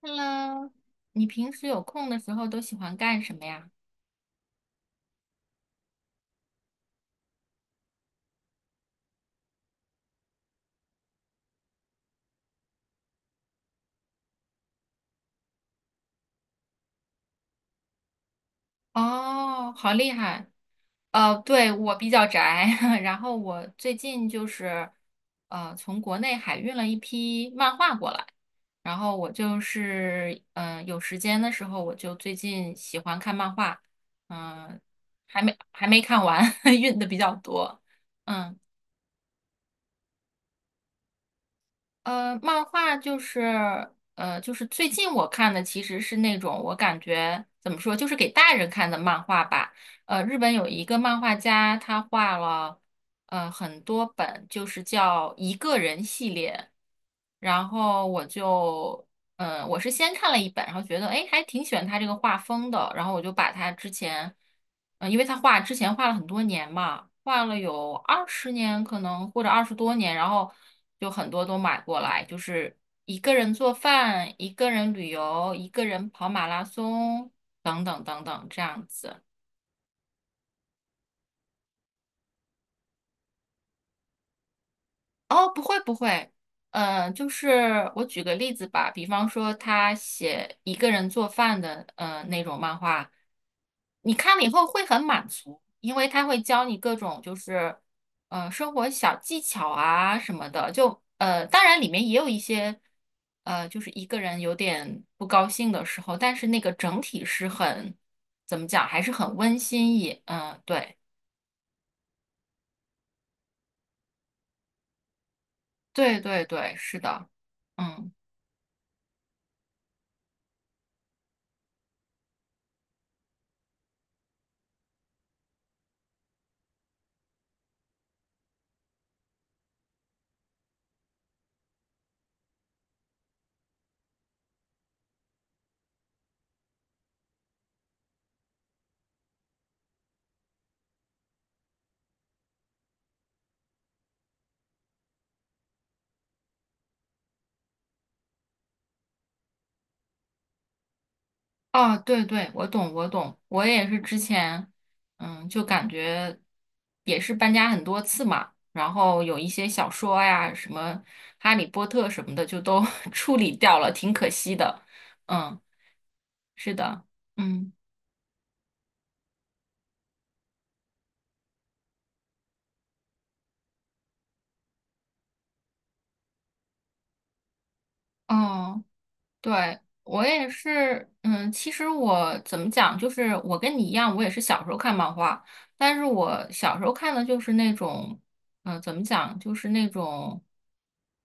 Hello，你平时有空的时候都喜欢干什么呀？哦，好厉害！对，我比较宅，然后我最近就是从国内海运了一批漫画过来，然后我就是有时间的时候，我就最近喜欢看漫画。嗯、还没看完，运的比较多。嗯。漫画就是就是最近我看的其实是那种，我感觉怎么说，就是给大人看的漫画吧。呃，日本有一个漫画家，他画了很多本，就是叫一个人系列。然后我就我是先看了一本，然后觉得哎，诶还挺喜欢他这个画风的，然后我就把他之前，嗯，因为他画之前画了很多年嘛，画了有20年可能或者20多年，然后就很多都买过来，就是一个人做饭，一个人旅游，一个人跑马拉松等等等等这样子。哦，不会不会。就是我举个例子吧，比方说他写一个人做饭的那种漫画，你看了以后会很满足，因为他会教你各种就是生活小技巧啊什么的。就当然里面也有一些就是一个人有点不高兴的时候，但是那个整体是很怎么讲，还是很温馨也对。对对对，是的，嗯。哦，对对，我懂，我懂，我也是之前，嗯，就感觉也是搬家很多次嘛，然后有一些小说呀，什么《哈利波特》什么的，就都 处理掉了，挺可惜的。嗯，是的，嗯，哦。对，我也是，嗯，其实我怎么讲，就是我跟你一样，我也是小时候看漫画，但是我小时候看的就是那种，怎么讲，就是那种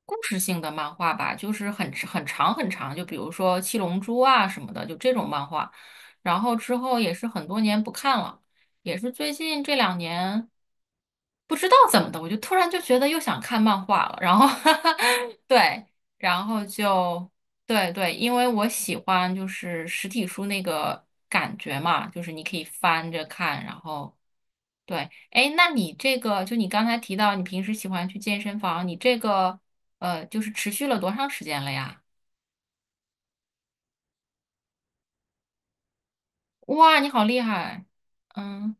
故事性的漫画吧，就是很长很长，就比如说《七龙珠》啊什么的，就这种漫画。然后之后也是很多年不看了，也是最近这两年。不知道怎么的，我就突然就觉得又想看漫画了，然后 对，然后就对对，因为我喜欢就是实体书那个感觉嘛，就是你可以翻着看，然后对。哎，那你这个，就你刚才提到你平时喜欢去健身房，你这个就是持续了多长时间了呀？哇，你好厉害，嗯，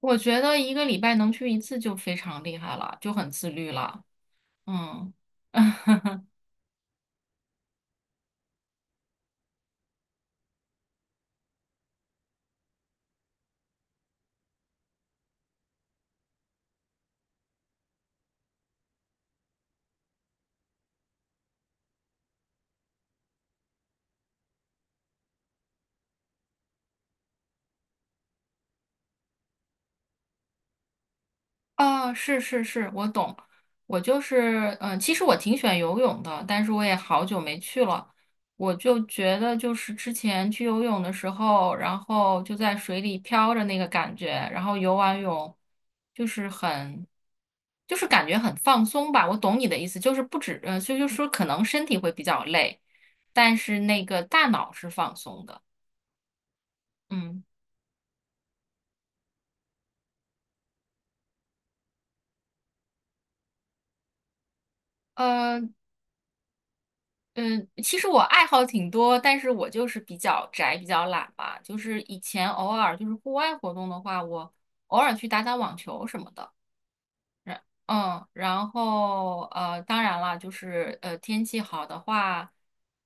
我觉得一个礼拜能去一次就非常厉害了，就很自律了，嗯。啊，是是是，我懂。我就是，嗯，其实我挺喜欢游泳的，但是我也好久没去了。我就觉得，就是之前去游泳的时候，然后就在水里飘着那个感觉，然后游完泳就是很，就是感觉很放松吧。我懂你的意思，就是不止，呃，就就是说可能身体会比较累，但是那个大脑是放松的。嗯。嗯，其实我爱好挺多，但是我就是比较宅，比较懒吧。就是以前偶尔就是户外活动的话，我偶尔去打打网球什么的。然嗯，然后当然了，就是天气好的话，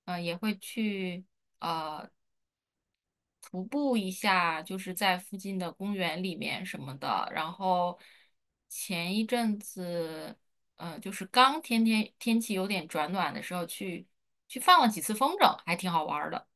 也会去呃徒步一下，就是在附近的公园里面什么的。然后前一阵子，就是刚天气有点转暖的时候，去去放了几次风筝，还挺好玩儿的。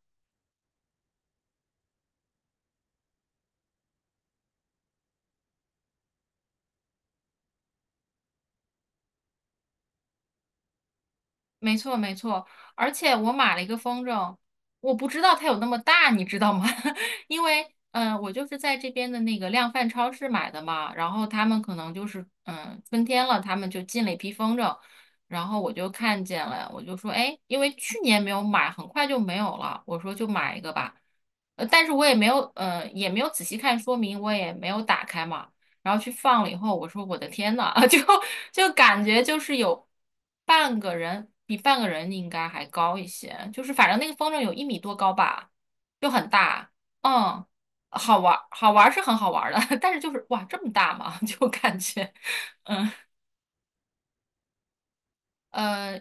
没错，没错，而且我买了一个风筝，我不知道它有那么大，你知道吗？因为，我就是在这边的那个量贩超市买的嘛，然后他们可能就是，春天了，他们就进了一批风筝，然后我就看见了，我就说，哎，因为去年没有买，很快就没有了，我说就买一个吧。但是我也没有，也没有仔细看说明，我也没有打开嘛。然后去放了以后，我说我的天呐，就感觉就是有半个人，比半个人应该还高一些，就是反正那个风筝有1米多高吧，就很大，嗯。好玩儿，好玩儿是很好玩儿的，但是就是哇这么大嘛，就感觉，嗯呃，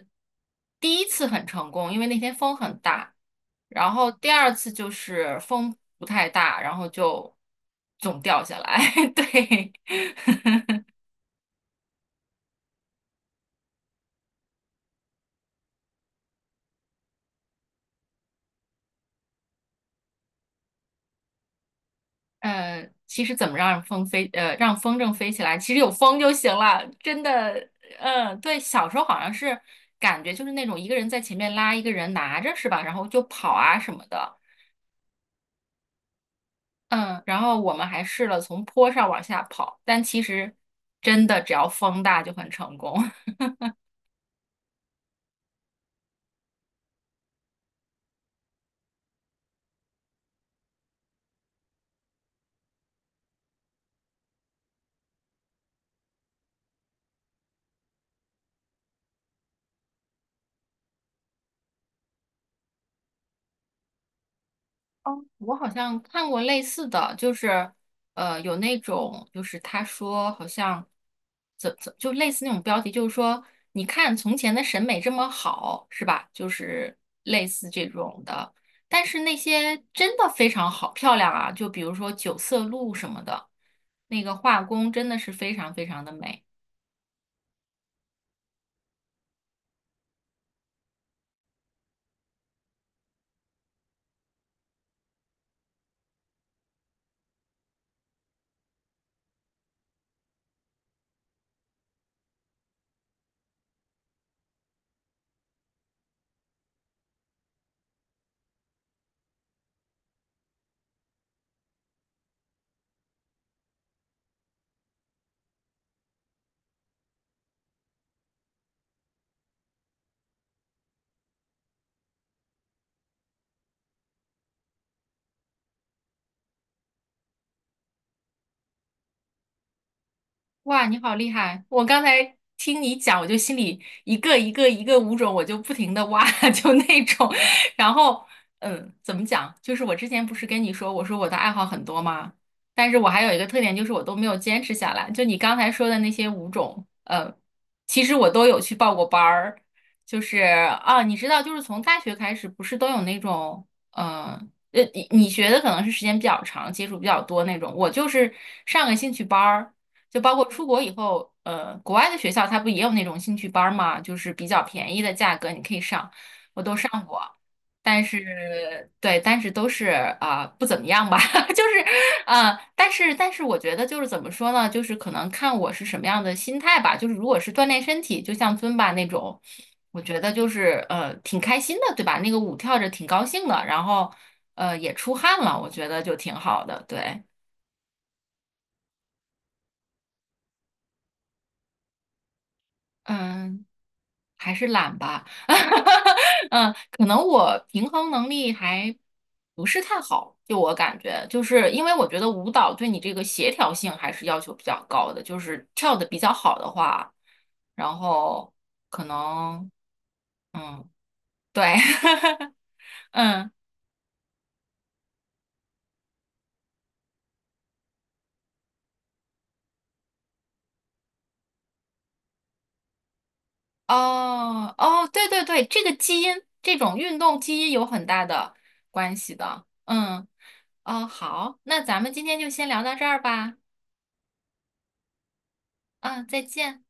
第一次很成功，因为那天风很大，然后第二次就是风不太大，然后就总掉下来，对。其实怎么让风飞，让风筝飞起来，其实有风就行了，真的。嗯，对，小时候好像是感觉就是那种一个人在前面拉，一个人拿着，是吧？然后就跑啊什么的。嗯，然后我们还试了从坡上往下跑，但其实真的只要风大就很成功。哦，我好像看过类似的，就是有那种就是他说好像就类似那种标题，就是说你看从前的审美这么好，是吧？就是类似这种的，但是那些真的非常好漂亮啊，就比如说九色鹿什么的，那个画工真的是非常非常的美。哇，你好厉害！我刚才听你讲，我就心里一个舞种，我就不停的挖，就那种。然后，嗯，怎么讲？就是我之前不是跟你说，我说我的爱好很多吗？但是我还有一个特点，就是我都没有坚持下来。就你刚才说的那些舞种，其实我都有去报过班儿。就是啊，你知道，就是从大学开始，不是都有那种，呃。你你学的可能是时间比较长，接触比较多那种。我就是上个兴趣班儿，就包括出国以后，国外的学校它不也有那种兴趣班儿嘛，就是比较便宜的价格你可以上，我都上过，但是对，但是都是不怎么样吧，就是但是我觉得就是怎么说呢，就是可能看我是什么样的心态吧，就是如果是锻炼身体，就像尊巴那种，我觉得就是挺开心的，对吧？那个舞跳着挺高兴的，然后也出汗了，我觉得就挺好的，对。嗯，还是懒吧，嗯，可能我平衡能力还不是太好，就我感觉，就是因为我觉得舞蹈对你这个协调性还是要求比较高的，就是跳的比较好的话，然后可能，嗯，对，嗯。哦，哦，对对对，这个基因，这种运动基因有很大的关系的，嗯。哦，好，那咱们今天就先聊到这儿吧，嗯，再见。